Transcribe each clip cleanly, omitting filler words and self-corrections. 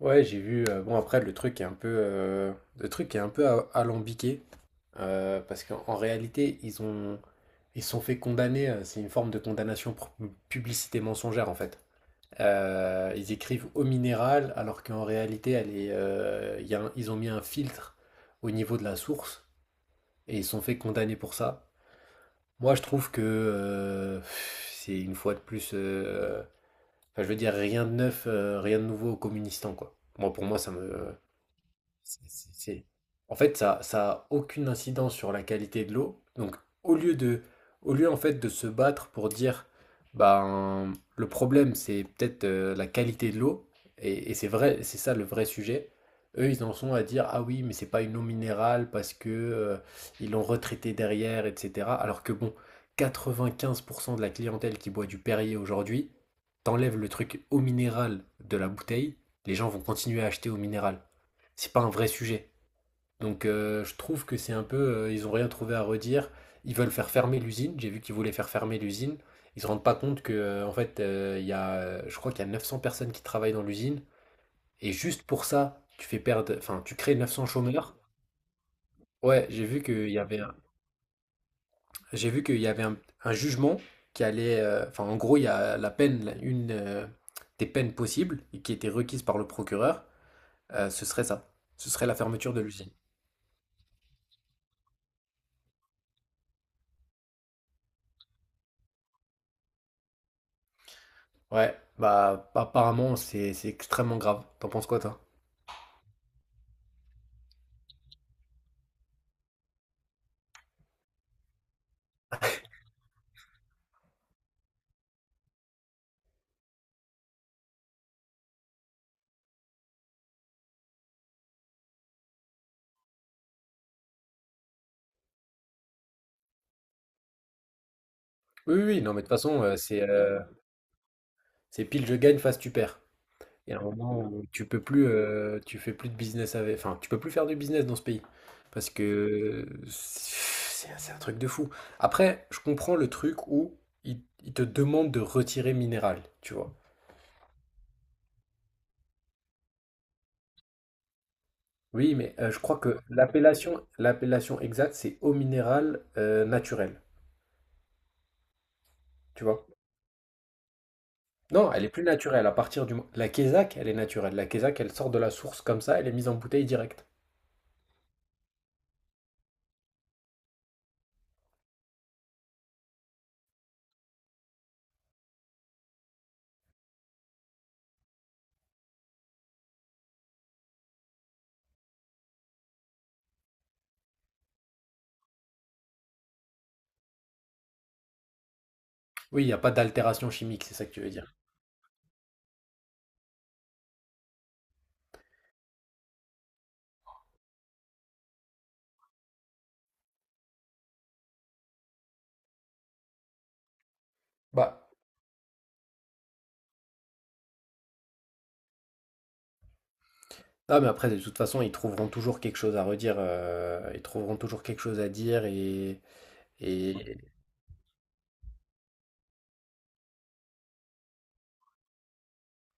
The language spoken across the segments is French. Ouais, j'ai vu. Bon, après, le truc est un peu alambiqué parce qu'en réalité, ils se sont fait condamner. C'est une forme de condamnation pour publicité mensongère en fait. Ils écrivent au minéral alors qu'en réalité, elle est, il y a un- ils ont mis un filtre au niveau de la source et ils se sont fait condamner pour ça. Moi, je trouve que c'est une fois de plus. Enfin, je veux dire, rien de nouveau aux communistes, hein, quoi. Moi, pour moi, ça me. C'est c'est- c'est- En fait, ça a aucune incidence sur la qualité de l'eau. Donc, au lieu de, au lieu en fait de se battre pour dire, ben, le problème c'est peut-être la qualité de l'eau, et c'est vrai, c'est ça le vrai sujet. Eux, ils en sont à dire, ah oui, mais c'est pas une eau minérale parce que ils l'ont retraitée derrière, etc. Alors que bon, 95% de la clientèle qui boit du Perrier aujourd'hui, t'enlèves le truc eau minérale de la bouteille, les gens vont continuer à acheter eau minérale. C'est pas un vrai sujet. Donc, je trouve que ils ont rien trouvé à redire. Ils veulent faire fermer l'usine. J'ai vu qu'ils voulaient faire fermer l'usine. Ils se rendent pas compte que en fait, je crois qu'il y a 900 personnes qui travaillent dans l'usine. Et juste pour ça, tu fais perdre, enfin, tu crées 900 chômeurs. Ouais, j'ai vu qu'il y avait un jugement qui allait, enfin, en gros, il y a la peine, la- une des peines possibles et qui était requise par le procureur. Ce serait ça. Ce serait la fermeture de l'usine. Ouais, bah apparemment c'est extrêmement grave. T'en penses quoi toi? Oui, oui, oui, non mais de toute façon c'est pile je gagne, face tu perds. Il y a un moment où tu fais plus de business avec, enfin tu peux plus faire du business dans ce pays parce que c'est un truc de fou. Après, je comprends le truc où ils il te demandent de retirer minéral, tu vois. Oui, mais je crois que l'appellation exacte c'est eau minérale naturelle, tu vois. Non, elle est plus naturelle. À partir la quesac, elle est naturelle. La quesac, elle sort de la source comme ça, elle est mise en bouteille directe. Oui, il n'y a pas d'altération chimique, c'est ça que tu veux dire. Bah, ah mais après, de toute façon, ils trouveront toujours quelque chose à redire. Ils trouveront toujours quelque chose à dire et et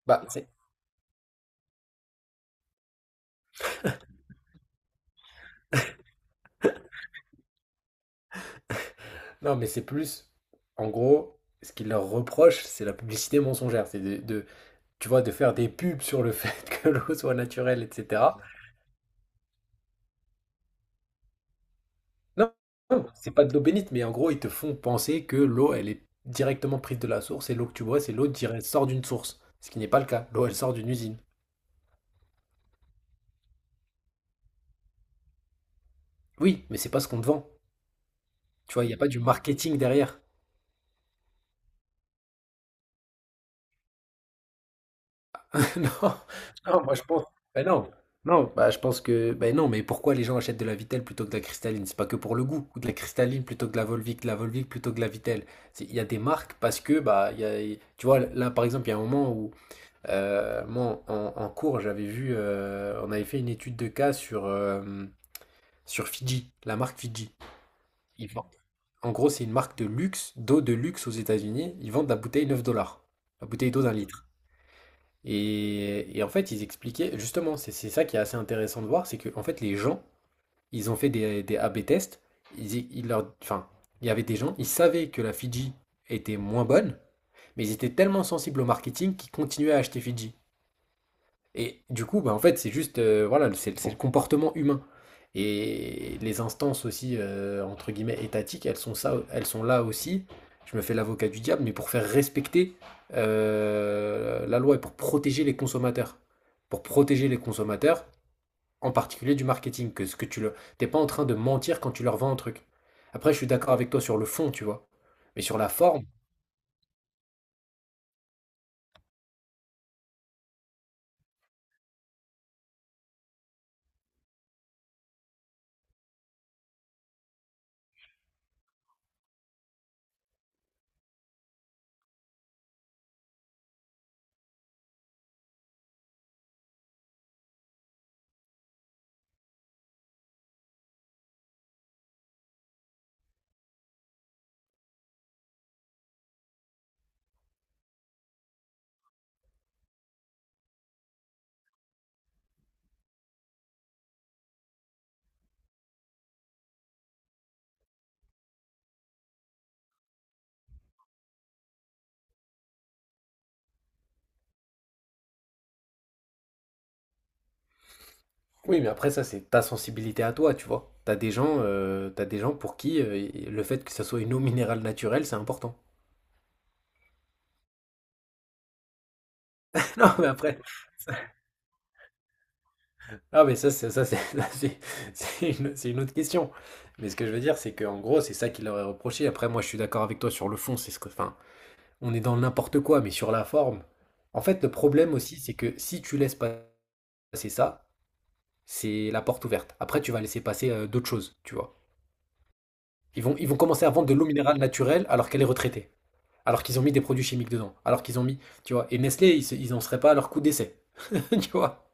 bah, non, mais c'est plus, en gros, ce qu'ils leur reprochent, c'est la publicité mensongère, tu vois, de faire des pubs sur le fait que l'eau soit naturelle, etc. Non, non, c'est pas de l'eau bénite, mais en gros, ils te font penser que l'eau, elle est directement prise de la source et l'eau que tu bois, c'est l'eau qui sort d'une source. Ce qui n'est pas le cas. L'eau, elle sort d'une usine. Oui, mais c'est pas ce qu'on te vend. Tu vois, il n'y a pas du marketing derrière. Non, non, moi je pense. Ben non, non, bah je pense que. Ben non, mais pourquoi les gens achètent de la Vittel plutôt que de la cristalline? C'est pas que pour le goût, ou de la cristalline plutôt que de la Volvic plutôt que de la Vittel. Il y a des marques parce que, bah, tu vois, là par exemple, il y a un moment où. Moi, en cours, j'avais vu, on avait fait une étude de cas sur Fiji, la marque Fiji. Ils vendent- En gros, c'est une marque de luxe, d'eau de luxe aux États-Unis. Ils vendent la bouteille 9 dollars, la bouteille d'eau d'un litre. Et en fait, ils expliquaient, justement, c'est ça qui est assez intéressant de voir, c'est que en fait, les gens, ils ont fait des A/B tests. Ils, ils leur, enfin, il y avait des gens, ils savaient que la Fiji était moins bonne, mais ils étaient tellement sensibles au marketing qu'ils continuaient à acheter Fiji. Et du coup, bah, en fait, c'est juste, voilà, c'est le comportement humain. Et les instances aussi, entre guillemets, étatiques, elles sont ça, elles sont là aussi. Je me fais l'avocat du diable, mais pour faire respecter la loi et pour protéger les consommateurs. Pour protéger les consommateurs, en particulier du marketing, que ce que tu le, t'es pas en train de mentir quand tu leur vends un truc. Après, je suis d'accord avec toi sur le fond, tu vois. Mais sur la forme. Oui, mais après ça, c'est ta sensibilité à toi, tu vois. T'as des gens pour qui le fait que ça soit une eau minérale naturelle, c'est important. Non, mais après, ah, mais ça, c'est ça, c'est une autre question. Mais ce que je veux dire, c'est qu'en gros, c'est ça qu'il leur est reproché. Après, moi, je suis d'accord avec toi sur le fond. C'est ce que, enfin, on est dans le n'importe quoi, mais sur la forme. En fait, le problème aussi, c'est que si tu laisses passer ça, c'est la porte ouverte. Après, tu vas laisser passer d'autres choses, tu vois. Ils vont commencer à vendre de l'eau minérale naturelle alors qu'elle est retraitée, alors qu'ils ont mis des produits chimiques dedans, alors qu'ils ont mis, tu vois, et Nestlé, ils en seraient pas à leur coup d'essai, tu vois.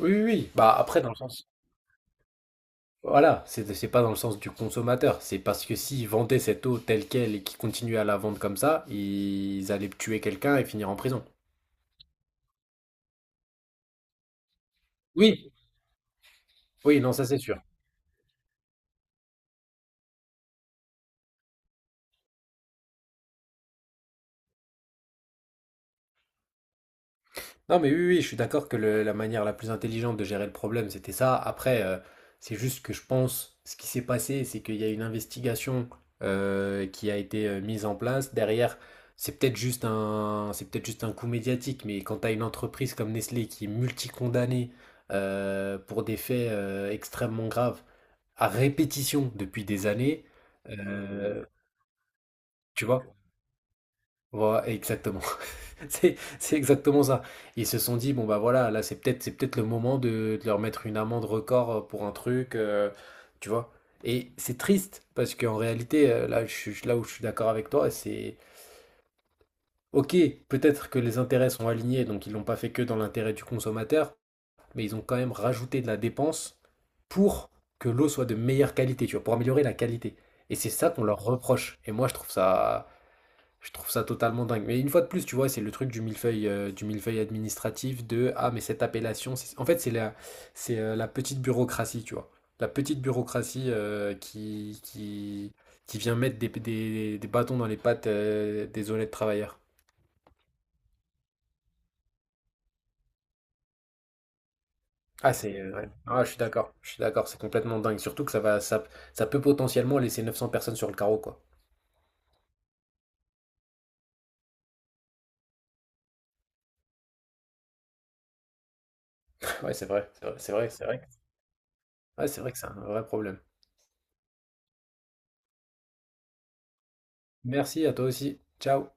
Oui, oui, oui. Bah après, dans le sens, voilà, c'est pas dans le sens du consommateur, c'est parce que s'ils vendaient cette eau telle qu'elle et qu'ils continuaient à la vendre comme ça, ils allaient tuer quelqu'un et finir en prison. Oui, oui, non, ça c'est sûr. Non, mais oui, oui, je suis d'accord que la manière la plus intelligente de gérer le problème, c'était ça. Après, c'est juste que je pense, ce qui s'est passé, c'est qu'il y a une investigation qui a été mise en place. Derrière, c'est peut-être juste un coup médiatique, mais quand tu as une entreprise comme Nestlé qui est multicondamnée pour des faits extrêmement graves, à répétition depuis des années, euh, tu vois? Voilà, exactement. C'est exactement ça. Ils se sont dit, bon bah voilà, là c'est peut-être le moment de leur mettre une amende record pour un truc, tu vois. Et c'est triste, parce qu'en réalité, là, là où je suis d'accord avec toi, c'est ok, peut-être que les intérêts sont alignés, donc ils l'ont pas fait que dans l'intérêt du consommateur, mais ils ont quand même rajouté de la dépense pour que l'eau soit de meilleure qualité, tu vois, pour améliorer la qualité. Et c'est ça qu'on leur reproche. Et moi, je trouve ça totalement dingue. Mais une fois de plus, tu vois, c'est le truc du millefeuille administratif de ah, mais cette appellation, en fait, c'est la petite bureaucratie, tu vois. La petite bureaucratie qui vient mettre des bâtons dans les pattes des honnêtes travailleurs. Ah, c'est. Ouais. Ah, je suis d'accord. Je suis d'accord, c'est complètement dingue. Surtout que ça peut potentiellement laisser 900 personnes sur le carreau, quoi. Ouais, c'est vrai, c'est vrai, c'est vrai, c'est vrai. Ouais, c'est vrai que c'est un vrai problème. Merci à toi aussi. Ciao.